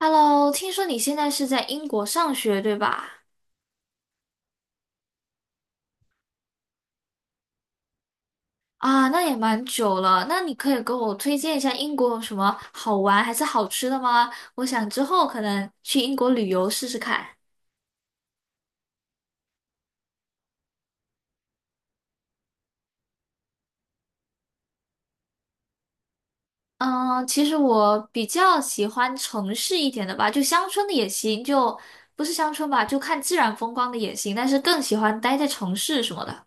Hello，听说你现在是在英国上学，对吧？啊，那也蛮久了。那你可以给我推荐一下英国有什么好玩还是好吃的吗？我想之后可能去英国旅游试试看。嗯，其实我比较喜欢城市一点的吧，就乡村的也行，不是乡村吧，就看自然风光的也行，但是更喜欢待在城市什么的。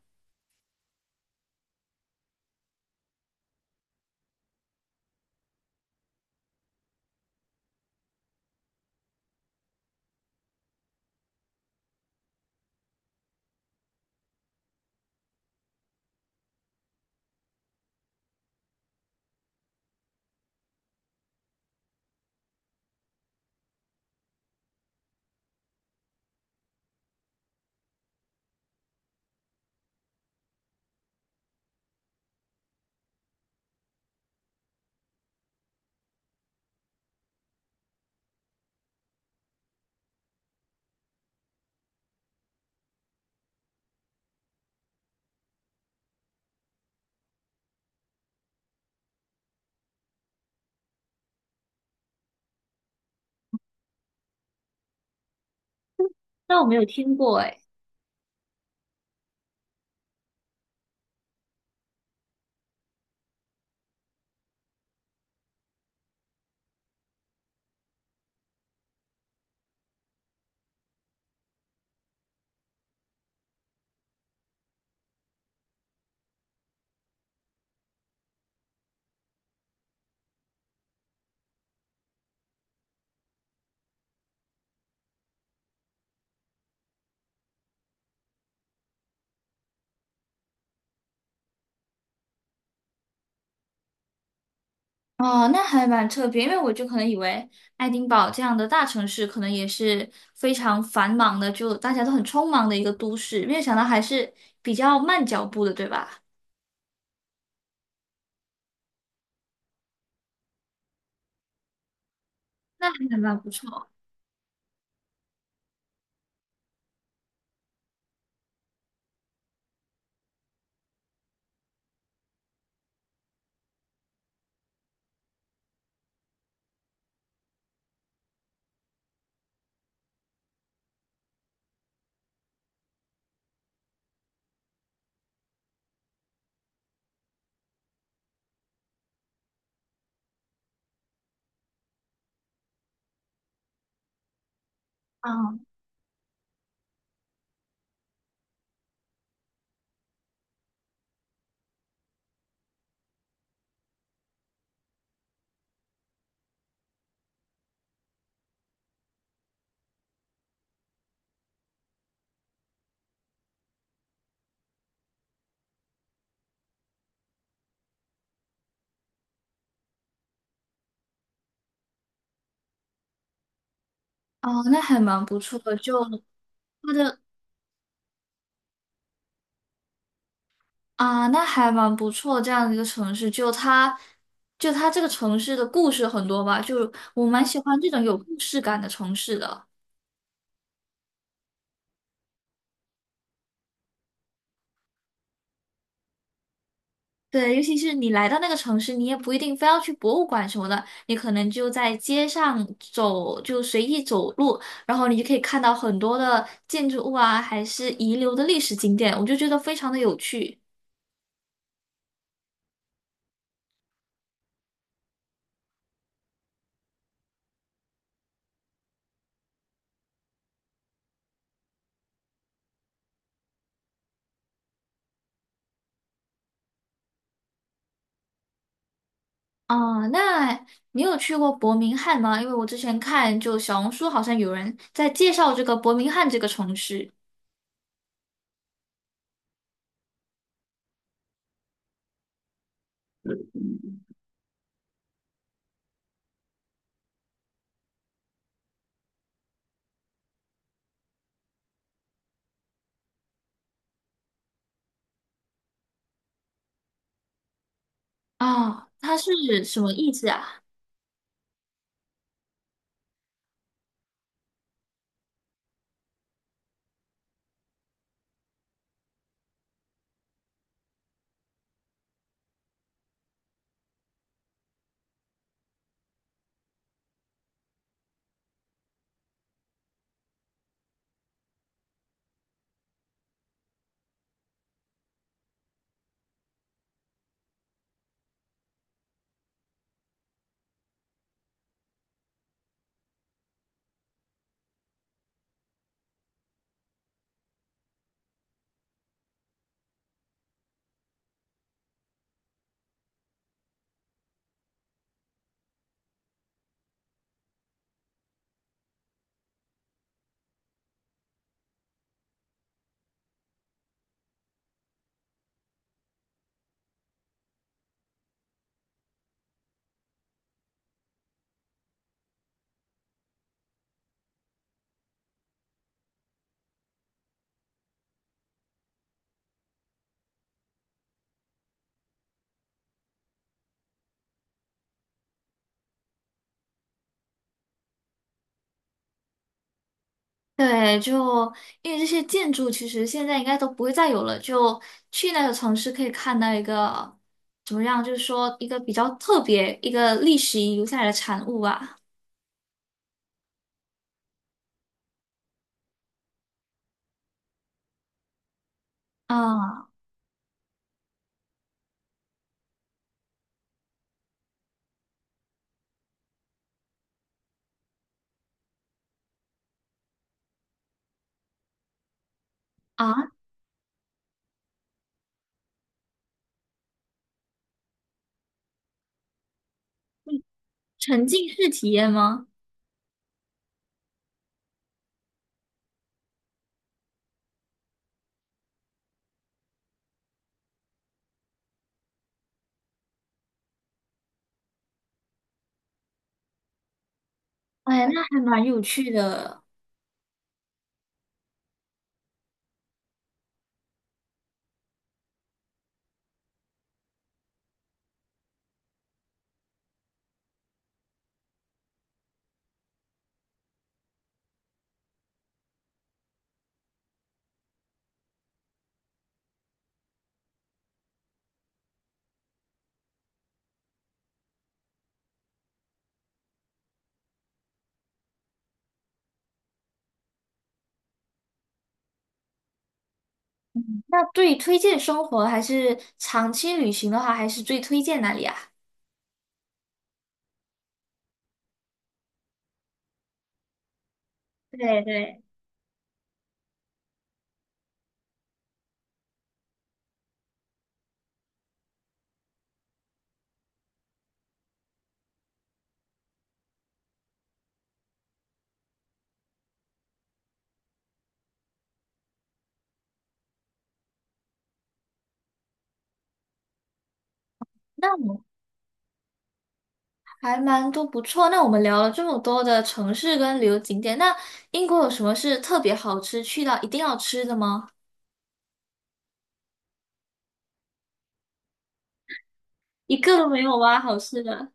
那我没有听过诶。哦，那还蛮特别，因为我就可能以为爱丁堡这样的大城市可能也是非常繁忙的，就大家都很匆忙的一个都市，没有想到还是比较慢脚步的，对吧？那还蛮不错，嗯。哦，那还蛮不错的，就它的啊，那还蛮不错这样的一个城市，就它这个城市的故事很多吧，就我蛮喜欢这种有故事感的城市的。对，尤其是你来到那个城市，你也不一定非要去博物馆什么的，你可能就在街上走，就随意走路，然后你就可以看到很多的建筑物啊，还是遗留的历史景点，我就觉得非常的有趣。啊、那你有去过伯明翰吗？因为我之前看就小红书好像有人在介绍这个伯明翰这个城市。啊，它是什么意思啊？对，就因为这些建筑其实现在应该都不会再有了，就去那个城市可以看到一个怎么样，就是说一个比较特别、一个历史遗留下来的产物吧。啊，啊，沉浸式体验吗？哎，那还蛮有趣的。嗯，那对于推荐生活还是长期旅行的话，还是最推荐哪里啊？对对。那我还蛮多不错。那我们聊了这么多的城市跟旅游景点，那英国有什么是特别好吃，去到一定要吃的吗？一个都没有吗？好吃的。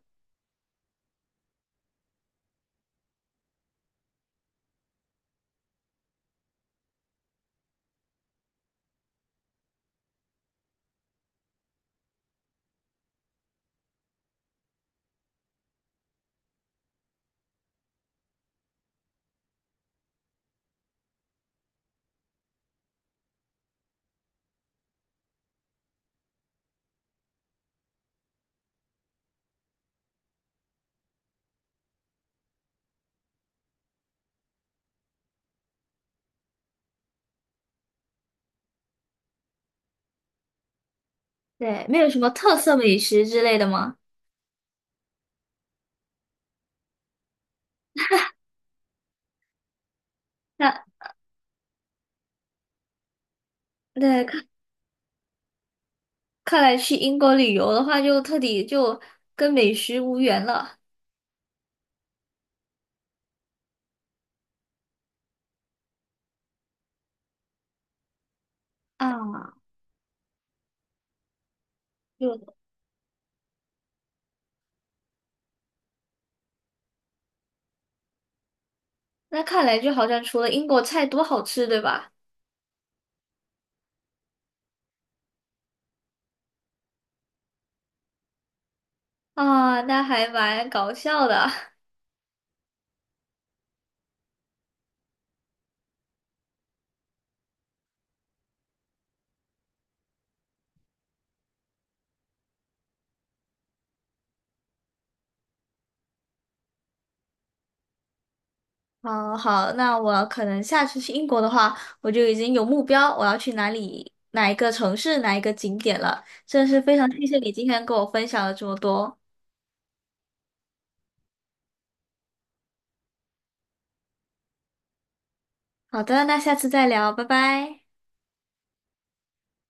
对，没有什么特色美食之类的吗？那那看看来去英国旅游的话，就彻底就跟美食无缘了啊 就那看来就好像除了英国菜多好吃，对吧？啊，那还蛮搞笑的。好好，那我可能下次去英国的话，我就已经有目标，我要去哪里、哪一个城市、哪一个景点了。真的是非常谢谢你今天跟我分享了这么多。好的，那下次再聊，拜拜。